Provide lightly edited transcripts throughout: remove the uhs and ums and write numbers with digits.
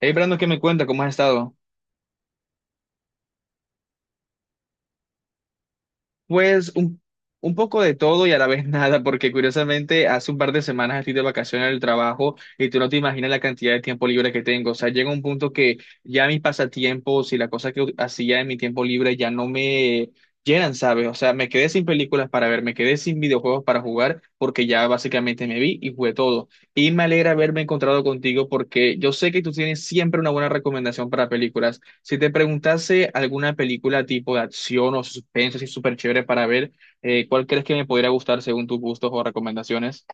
Hey, Brando, ¿qué me cuenta? ¿Cómo has estado? Pues un poco de todo y a la vez nada, porque curiosamente hace un par de semanas estoy de vacaciones del trabajo y tú no te imaginas la cantidad de tiempo libre que tengo. O sea, llega un punto que ya mis pasatiempos y las cosas que hacía en mi tiempo libre ya no me llenan, ¿sabes? O sea, me quedé sin películas para ver, me quedé sin videojuegos para jugar, porque ya básicamente me vi y jugué todo. Y me alegra haberme encontrado contigo porque yo sé que tú tienes siempre una buena recomendación para películas. Si te preguntase alguna película tipo de acción o suspense así súper chévere para ver, ¿cuál crees que me podría gustar según tus gustos o recomendaciones?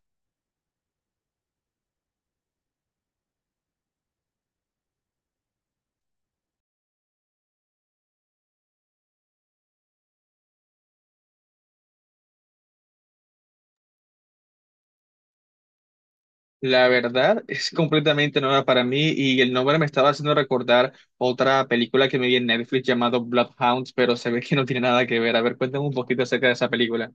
La verdad es completamente nueva para mí y el nombre me estaba haciendo recordar otra película que me vi en Netflix llamado Bloodhounds, pero se ve que no tiene nada que ver. A ver, cuéntame un poquito acerca de esa película.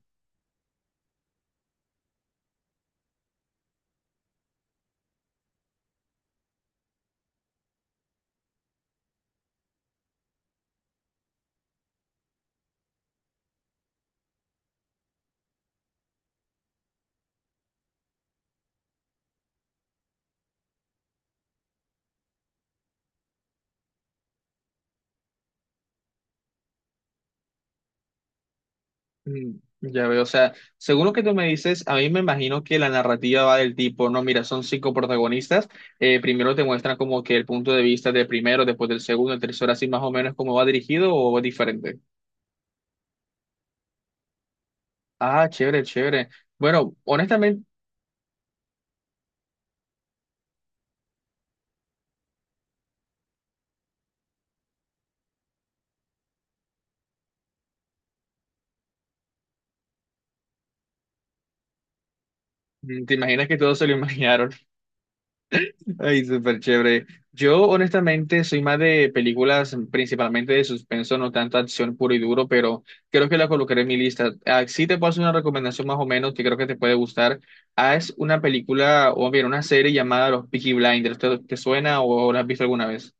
Mm, ya veo, o sea, según lo que tú me dices, a mí me imagino que la narrativa va del tipo, no, mira, son cinco protagonistas, primero te muestran como que el punto de vista del primero, después del segundo, el tercero, así más o menos cómo va dirigido o es diferente. Ah, chévere, chévere. Bueno, honestamente, te imaginas que todos se lo imaginaron. Ay, súper chévere. Yo, honestamente, soy más de películas principalmente de suspenso, no tanta acción puro y duro, pero creo que la colocaré en mi lista. Ah, sí te puedo hacer una recomendación más o menos que creo que te puede gustar. Ah, es una película, o bien, una serie llamada Los Peaky Blinders. ¿Te suena o la has visto alguna vez?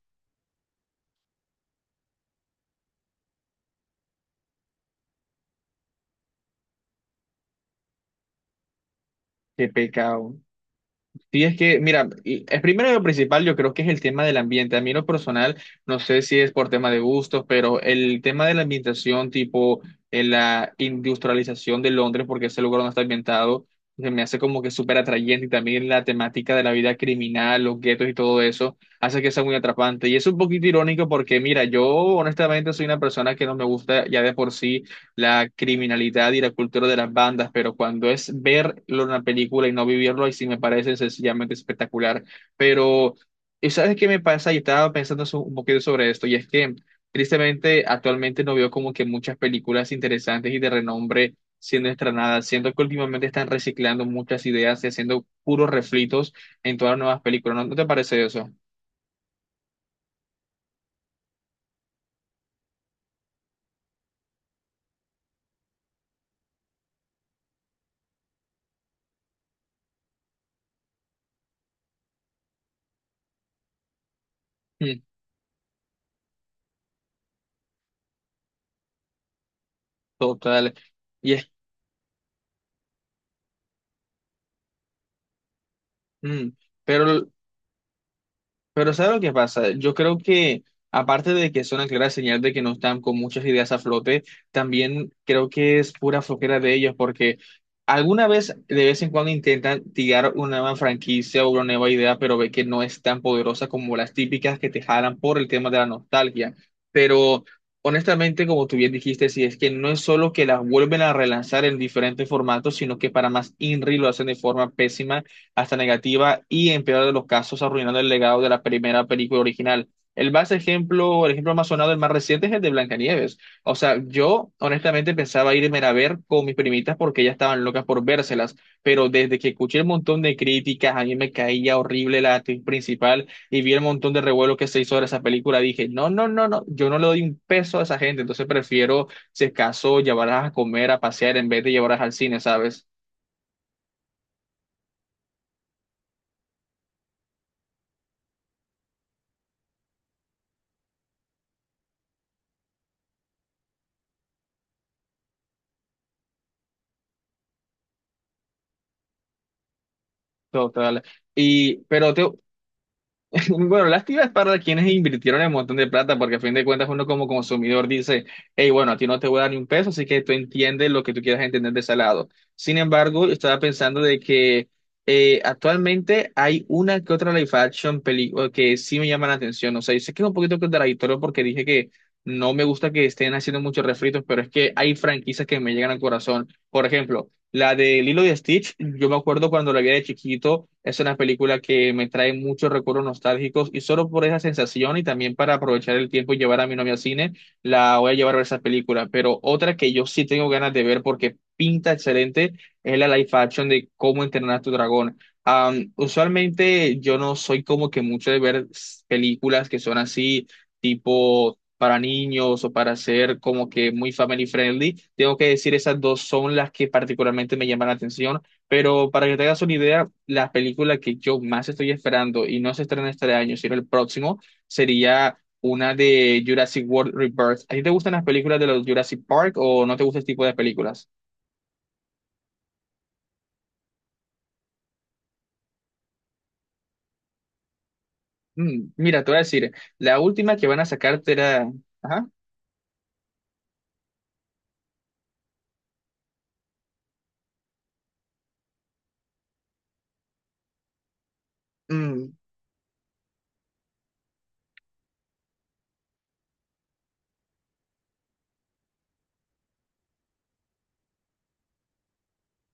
Qué pecado. Sí, es que, mira, el primero y lo principal yo creo que es el tema del ambiente. A mí en lo personal, no sé si es por tema de gustos, pero el tema de la ambientación, tipo la industrialización de Londres, porque ese lugar donde está ambientado, se me hace como que súper atrayente y también la temática de la vida criminal, los guetos y todo eso, hace que sea muy atrapante. Y es un poquito irónico porque, mira, yo honestamente soy una persona que no me gusta ya de por sí la criminalidad y la cultura de las bandas, pero cuando es verlo en una película y no vivirlo, ahí sí me parece sencillamente espectacular. Pero, ¿Sabes qué me pasa? Y estaba pensando un poquito sobre esto, y es que tristemente actualmente no veo como que muchas películas interesantes y de renombre siendo estrenadas, siendo que últimamente están reciclando muchas ideas y haciendo puros refritos en todas las nuevas películas. ¿No te parece eso? Mm, total. Y es, mm, Pero Pero ¿sabes lo que pasa? Yo creo que, aparte de que es una clara señal de que no están con muchas ideas a flote, también creo que es pura flojera de ellos, porque alguna vez, de vez en cuando, intentan tirar una nueva franquicia o una nueva idea, pero ve que no es tan poderosa como las típicas que te jalan por el tema de la nostalgia. Pero, honestamente, como tú bien dijiste, sí, es que no es solo que las vuelven a relanzar en diferentes formatos, sino que para más INRI lo hacen de forma pésima hasta negativa y en peor de los casos arruinando el legado de la primera película original. El ejemplo más sonado, el más reciente es el de Blancanieves. O sea, yo honestamente pensaba irme a ver con mis primitas porque ellas estaban locas por vérselas, pero desde que escuché el montón de críticas, a mí me caía horrible la actriz principal y vi el montón de revuelo que se hizo de esa película, dije, no, no, no, no, yo no le doy un peso a esa gente, entonces prefiero, si acaso, llevarlas a comer, a pasear en vez de llevarlas al cine, ¿sabes? Total. Y, pero te, Bueno, lástima es para quienes invirtieron el montón de plata, porque a fin de cuentas uno como consumidor dice, hey, bueno, a ti no te voy a dar ni un peso, así que tú entiendes lo que tú quieras entender de ese lado. Sin embargo, yo estaba pensando de que actualmente hay una que otra live action película que sí me llama la atención. O sea, yo sé que es un poquito contradictorio porque dije que no me gusta que estén haciendo muchos refritos, pero es que hay franquicias que me llegan al corazón. Por ejemplo, la de Lilo y Stitch, yo me acuerdo cuando la vi de chiquito, es una película que me trae muchos recuerdos nostálgicos y solo por esa sensación y también para aprovechar el tiempo y llevar a mi novia al cine, la voy a llevar a ver esa película. Pero otra que yo sí tengo ganas de ver porque pinta excelente es la live action de Cómo entrenar a tu dragón. Usualmente yo no soy como que mucho de ver películas que son así, tipo para niños o para ser como que muy family friendly. Tengo que decir, esas dos son las que particularmente me llaman la atención, pero para que te hagas una idea, la película que yo más estoy esperando y no se estrena este año, sino el próximo, sería una de Jurassic World Rebirth. ¿A ti te gustan las películas de los Jurassic Park o no te gusta este tipo de películas? Mm, mira, te voy a decir, la última que van a sacarte era... Ajá. Mm.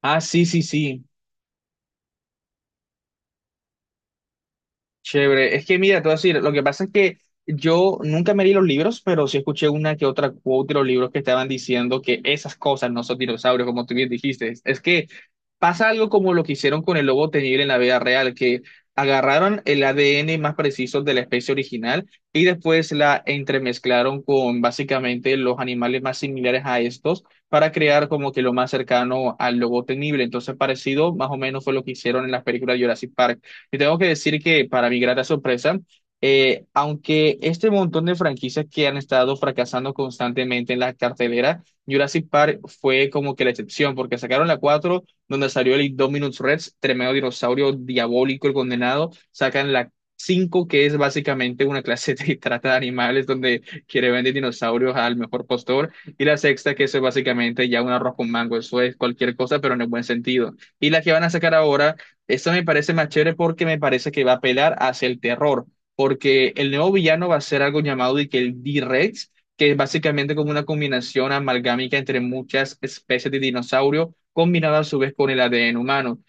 Ah, sí, sí, sí. Chévere. Es que mira, te voy a decir, lo que pasa es que yo nunca me leí los libros, pero sí escuché una que otra quote de los libros que estaban diciendo que esas cosas no son dinosaurios, como tú bien dijiste. Es que pasa algo como lo que hicieron con el lobo tenible en la vida real, que agarraron el ADN más preciso de la especie original y después la entremezclaron con básicamente los animales más similares a estos para crear como que lo más cercano al lobo tenible. Entonces, parecido más o menos fue lo que hicieron en las películas de Jurassic Park. Te tengo que decir que para mi grata sorpresa, aunque este montón de franquicias que han estado fracasando constantemente en la cartelera, Jurassic Park fue como que la excepción, porque sacaron la 4 donde salió el Indominus Rex, tremendo dinosaurio diabólico, el condenado, sacan la 5 que es básicamente una clase de trata de animales, donde quiere vender dinosaurios al mejor postor, y la sexta, que eso es básicamente ya un arroz con mango, eso es cualquier cosa, pero en el buen sentido. Y la que van a sacar ahora, esto me parece más chévere porque me parece que va a apelar hacia el terror, porque el nuevo villano va a ser algo llamado de que el D-Rex, que es básicamente como una combinación amalgámica entre muchas especies de dinosaurio, combinada a su vez con el ADN humano.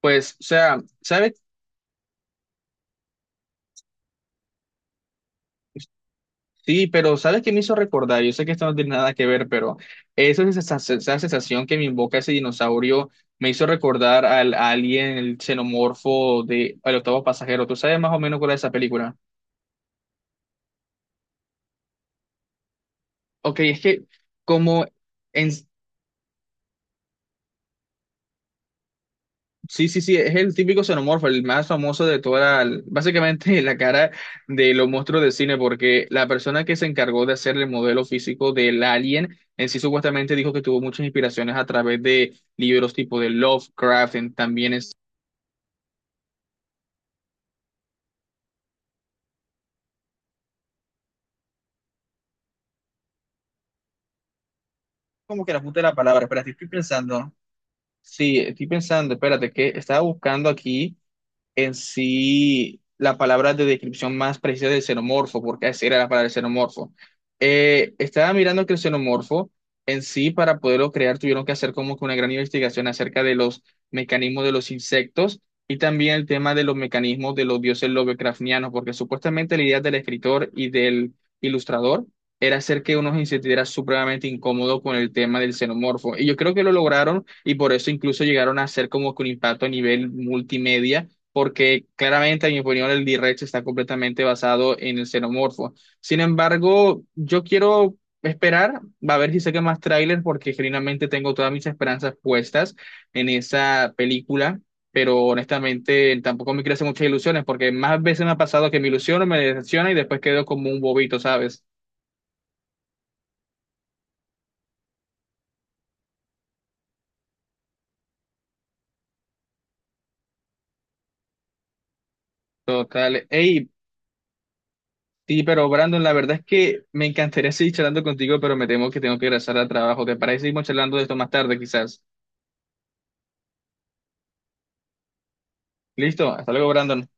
Pues, o sea, ¿sabes? Sí, pero ¿sabes qué me hizo recordar? Yo sé que esto no tiene nada que ver, pero eso es esa sensación que me invoca ese dinosaurio, me hizo recordar al alien, el xenomorfo de El octavo pasajero. ¿Tú sabes más o menos cuál es esa película? Ok, es que como en... Sí, sí, sí, es el típico xenomorfo, el más famoso de toda la... Básicamente la cara de los monstruos de cine, porque la persona que se encargó de hacer el modelo físico del alien, en sí supuestamente dijo que tuvo muchas inspiraciones a través de libros tipo de Lovecraft, también es... Como que la puta de la palabra, espérate, estoy pensando. Sí, estoy pensando, espérate, que estaba buscando aquí en sí la palabra de descripción más precisa del xenomorfo, porque esa era la palabra del xenomorfo. Estaba mirando que el xenomorfo en sí, para poderlo crear, tuvieron que hacer como que una gran investigación acerca de los mecanismos de los insectos y también el tema de los mecanismos de los dioses lovecraftianos, porque supuestamente la idea del escritor y del ilustrador era hacer que uno se sintiera supremamente incómodo con el tema del xenomorfo. Y yo creo que lo lograron y por eso incluso llegaron a hacer como que un impacto a nivel multimedia porque claramente, en mi opinión, el D-Rex está completamente basado en el xenomorfo. Sin embargo, yo quiero esperar, va a ver si saca más tráiler, porque genuinamente tengo todas mis esperanzas puestas en esa película, pero honestamente tampoco me crece muchas ilusiones, porque más veces me ha pasado que me ilusiono, me decepciona y después quedo como un bobito, ¿sabes? Total. Hey, sí, pero Brandon, la verdad es que me encantaría seguir charlando contigo, pero me temo que tengo que regresar al trabajo. ¿Te parece que seguimos charlando de esto más tarde, quizás? Listo, hasta luego, Brandon.